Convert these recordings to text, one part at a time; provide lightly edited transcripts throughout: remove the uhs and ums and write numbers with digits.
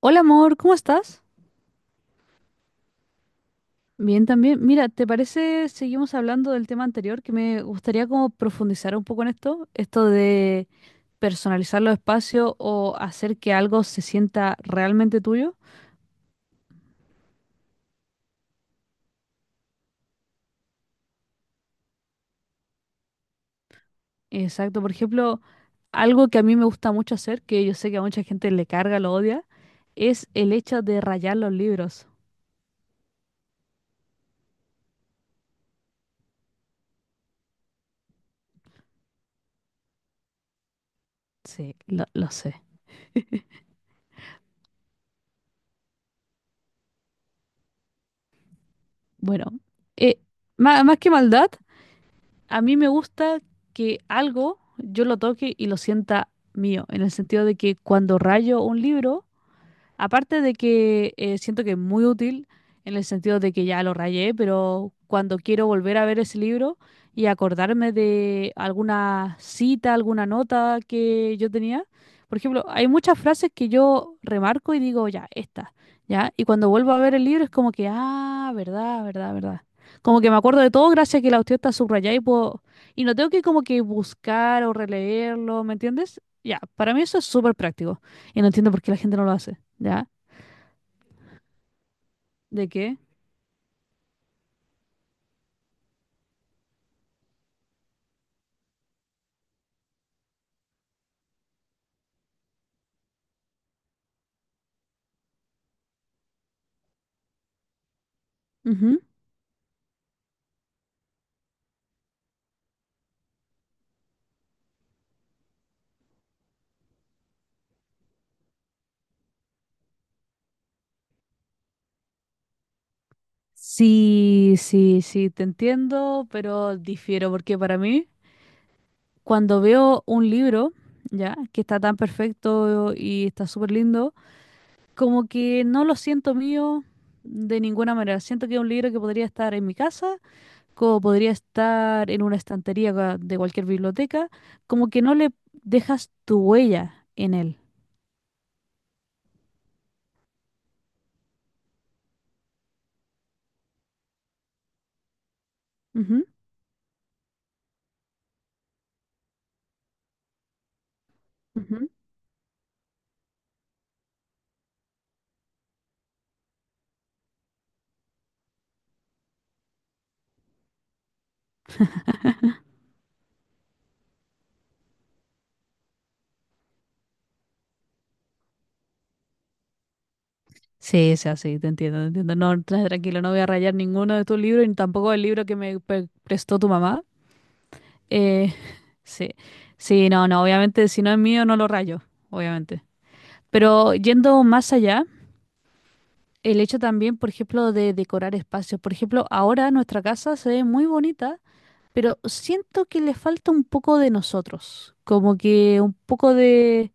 Hola amor, ¿cómo estás? Bien también. Mira, ¿te parece seguimos hablando del tema anterior que me gustaría como profundizar un poco en esto de personalizar los espacios o hacer que algo se sienta realmente tuyo? Exacto, por ejemplo, algo que a mí me gusta mucho hacer, que yo sé que a mucha gente le carga, lo odia, es el hecho de rayar los libros. Sí, lo sé. Bueno, eh, más, que maldad, a mí me gusta que algo yo lo toque y lo sienta mío, en el sentido de que cuando rayo un libro, aparte de que siento que es muy útil en el sentido de que ya lo rayé, pero cuando quiero volver a ver ese libro y acordarme de alguna cita, alguna nota que yo tenía, por ejemplo, hay muchas frases que yo remarco y digo, ya, esta, ya, y cuando vuelvo a ver el libro es como que, ah, verdad, verdad, verdad. Como que me acuerdo de todo gracias a que la cuestión está subrayada y puedo, y no tengo que como que buscar o releerlo, ¿me entiendes? Ya, para mí eso es súper práctico y no entiendo por qué la gente no lo hace. ¿Ya? ¿De qué? Ujú. Sí, sí, sí, te entiendo, pero difiero porque para mí, cuando veo un libro, ¿ya? Que está tan perfecto y está súper lindo, como que no lo siento mío de ninguna manera. Siento que es un libro que podría estar en mi casa, como podría estar en una estantería de cualquier biblioteca, como que no le dejas tu huella en él. Ujú, ujú. Sí, sí, así, te entiendo, te entiendo. No, tranquilo, no voy a rayar ninguno de tus libros, ni tampoco el libro que me prestó tu mamá. Eh, sí, sí, no, no, obviamente, si no es mío, no lo rayo, obviamente. Pero yendo más allá, el hecho también, por ejemplo, de decorar espacios. Por ejemplo, ahora nuestra casa se ve muy bonita, pero siento que le falta un poco de nosotros, como que un poco de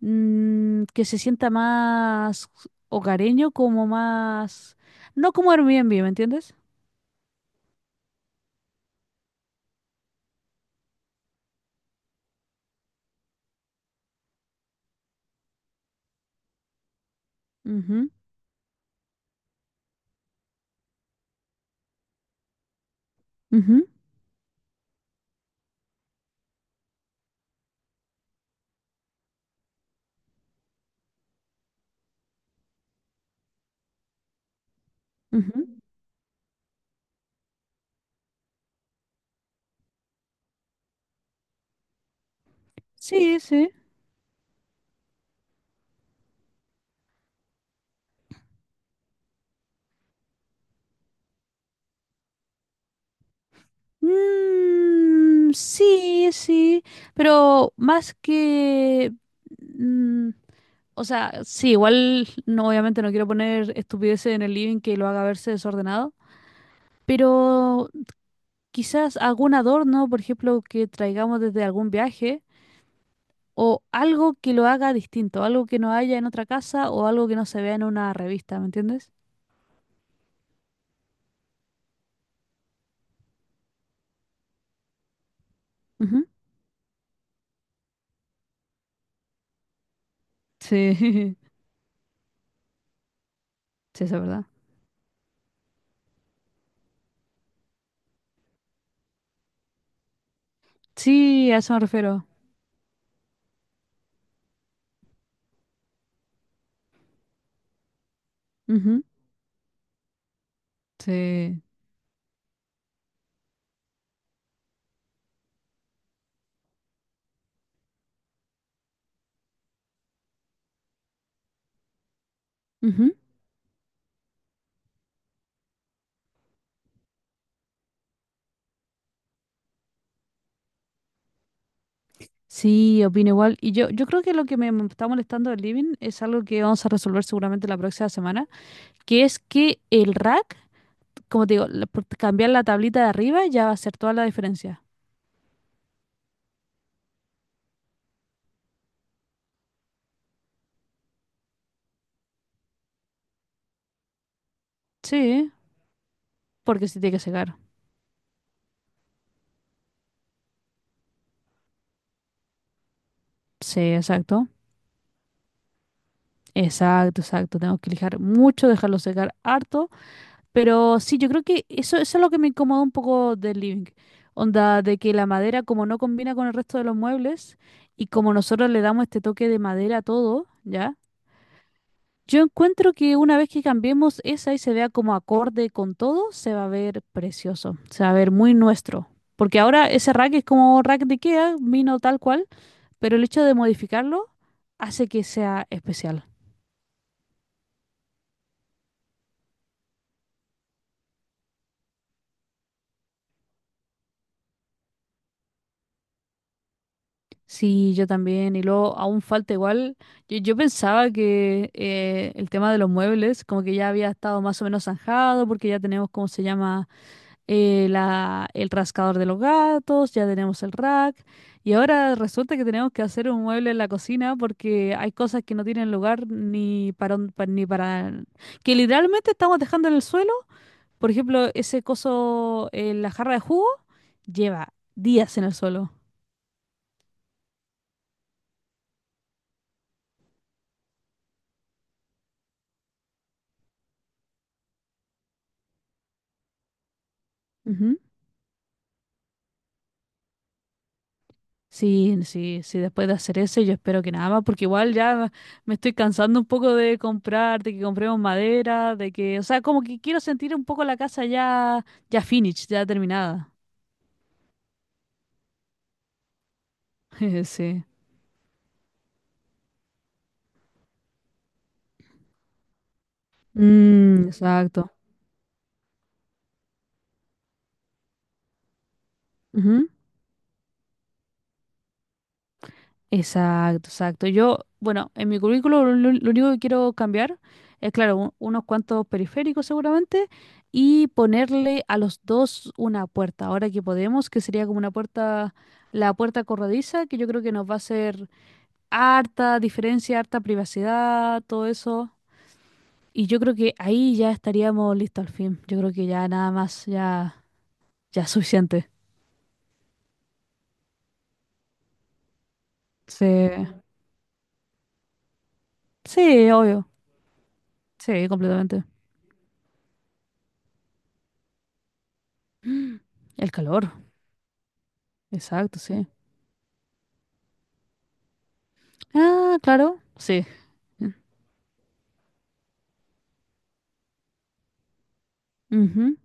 que se sienta más hogareño, como más, no como Airbnb, ¿me entiendes? Ujú, ujú, ujú. Sí, sí. Sí, sí, pero más que... mm, o sea, sí, igual no, obviamente no quiero poner estupideces en el living que lo haga verse desordenado, pero quizás algún adorno, por ejemplo, que traigamos desde algún viaje, o algo que lo haga distinto, algo que no haya en otra casa o algo que no se vea en una revista, ¿me entiendes? Ujú. Sí, sí, eso es verdad. Sí, a eso me refiero. Ujú. Sí. Ujú. Sí, opino igual. Y yo creo que lo que me está molestando del living es algo que vamos a resolver seguramente la próxima semana, que es que el rack, como te digo, por cambiar la tablita de arriba ya va a hacer toda la diferencia. Sí, porque se tiene que secar. Sí, exacto. Exacto, exacto. Tengo que lijar mucho, dejarlo secar harto. Pero sí, yo creo que eso es lo que me incomoda un poco del living. Onda de que la madera, como no combina con el resto de los muebles, y como nosotros le damos este toque de madera a todo, ¿ya? Yo encuentro que una vez que cambiemos esa y se vea como acorde con todo, se va a ver precioso, se va a ver muy nuestro. Porque ahora ese rack es como rack de IKEA, vino tal cual, pero el hecho de modificarlo hace que sea especial. Sí, yo también. Y luego aún falta igual. Yo pensaba que el tema de los muebles como que ya había estado más o menos zanjado porque ya tenemos, ¿cómo se llama? El rascador de los gatos, ya tenemos el rack. Y ahora resulta que tenemos que hacer un mueble en la cocina porque hay cosas que no tienen lugar ni para, ni para... que literalmente estamos dejando en el suelo. Por ejemplo, ese coso, la jarra de jugo, lleva días en el suelo. Sí, sí, sí, después de hacer ese yo espero que nada más, porque igual ya me estoy cansando un poco de comprar, de que compremos madera, de que, o sea, como que quiero sentir un poco la casa ya, ya finished, ya terminada. Sí. Exacto. Exacto, exacto. Yo, bueno, en mi currículo lo único que quiero cambiar es, claro, unos cuantos periféricos seguramente y ponerle a los dos una puerta. Ahora que podemos, que sería como una puerta, la puerta corrediza, que yo creo que nos va a hacer harta diferencia, harta privacidad, todo eso. Y yo creo que ahí ya estaríamos listos al fin. Yo creo que ya nada más, ya, ya es suficiente. Sí, sí, obvio. Sí, completamente. El calor, exacto, sí. Ah, claro, sí. Ujú.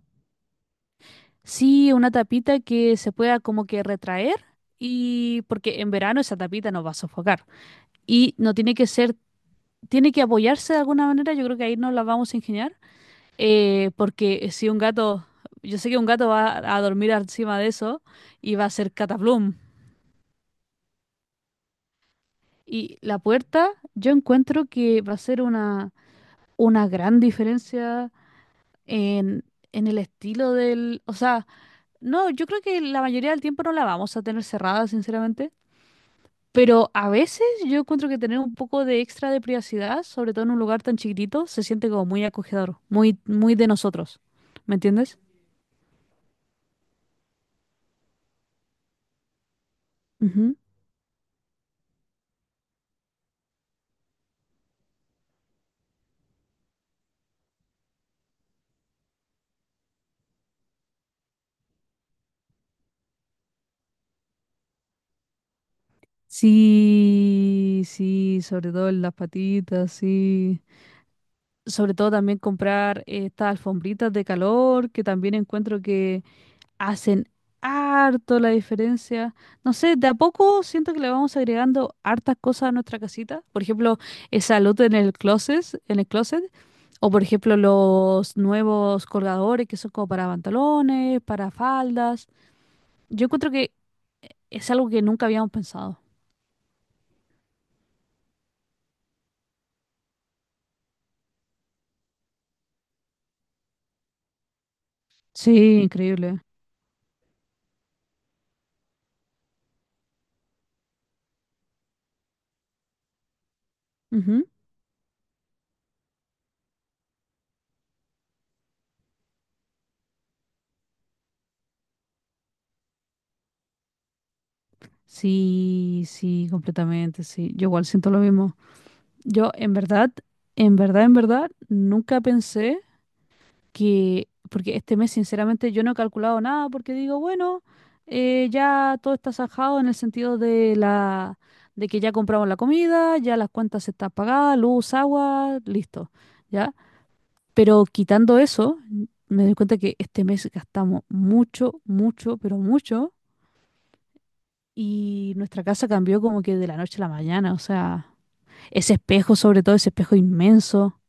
Sí, una tapita que se pueda como que retraer y porque en verano esa tapita nos va a sofocar y no tiene que ser, tiene que apoyarse de alguna manera, yo creo que ahí nos la vamos a ingeniar porque si un gato, yo sé que un gato va a dormir encima de eso y va a ser cataplum y la puerta yo encuentro que va a ser una gran diferencia en, en el estilo del, o sea... No, yo creo que la mayoría del tiempo no la vamos a tener cerrada, sinceramente. Pero a veces yo encuentro que tener un poco de extra de privacidad, sobre todo en un lugar tan chiquitito, se siente como muy acogedor, muy, muy de nosotros. ¿Me entiendes? Ujú. Sí, sí, sobre todo en las patitas, sí. Sobre todo también comprar estas alfombritas de calor, que también encuentro hacen harto la diferencia. No sé, de a poco siento que le vamos agregando hartas cosas a nuestra casita. Por ejemplo, esa luz en el closet, en el closet. O por ejemplo, los nuevos colgadores que son como para pantalones, para faldas. Yo encuentro que es algo que nunca habíamos pensado. Sí, increíble. Ujú. Sí, sí, completamente, sí. Yo igual siento lo mismo. Yo en verdad, en verdad, en verdad, nunca pensé. Que, porque este mes sinceramente yo no he calculado nada porque digo, bueno, ya todo está sajado en el sentido de la, de que ya compramos la comida, ya las cuentas están pagadas, luz, agua, listo, ¿ya? Pero quitando eso, me doy cuenta que este mes gastamos mucho, mucho, pero mucho y nuestra casa cambió como que de la noche a la mañana, o sea, ese espejo, sobre todo ese espejo inmenso.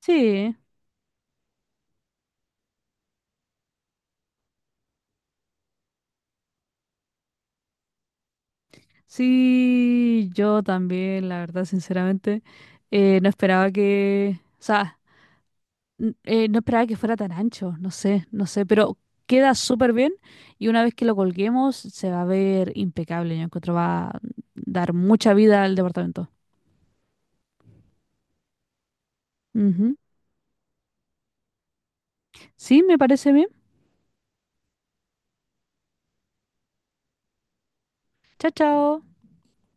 Sí. Sí, yo también, la verdad, sinceramente, no esperaba que, o sea, no esperaba que fuera tan ancho, no sé, no sé, pero queda súper bien y una vez que lo colguemos se va a ver impecable, yo encuentro va a dar mucha vida al departamento. Ujú. Sí, me parece bien. Chao, chao.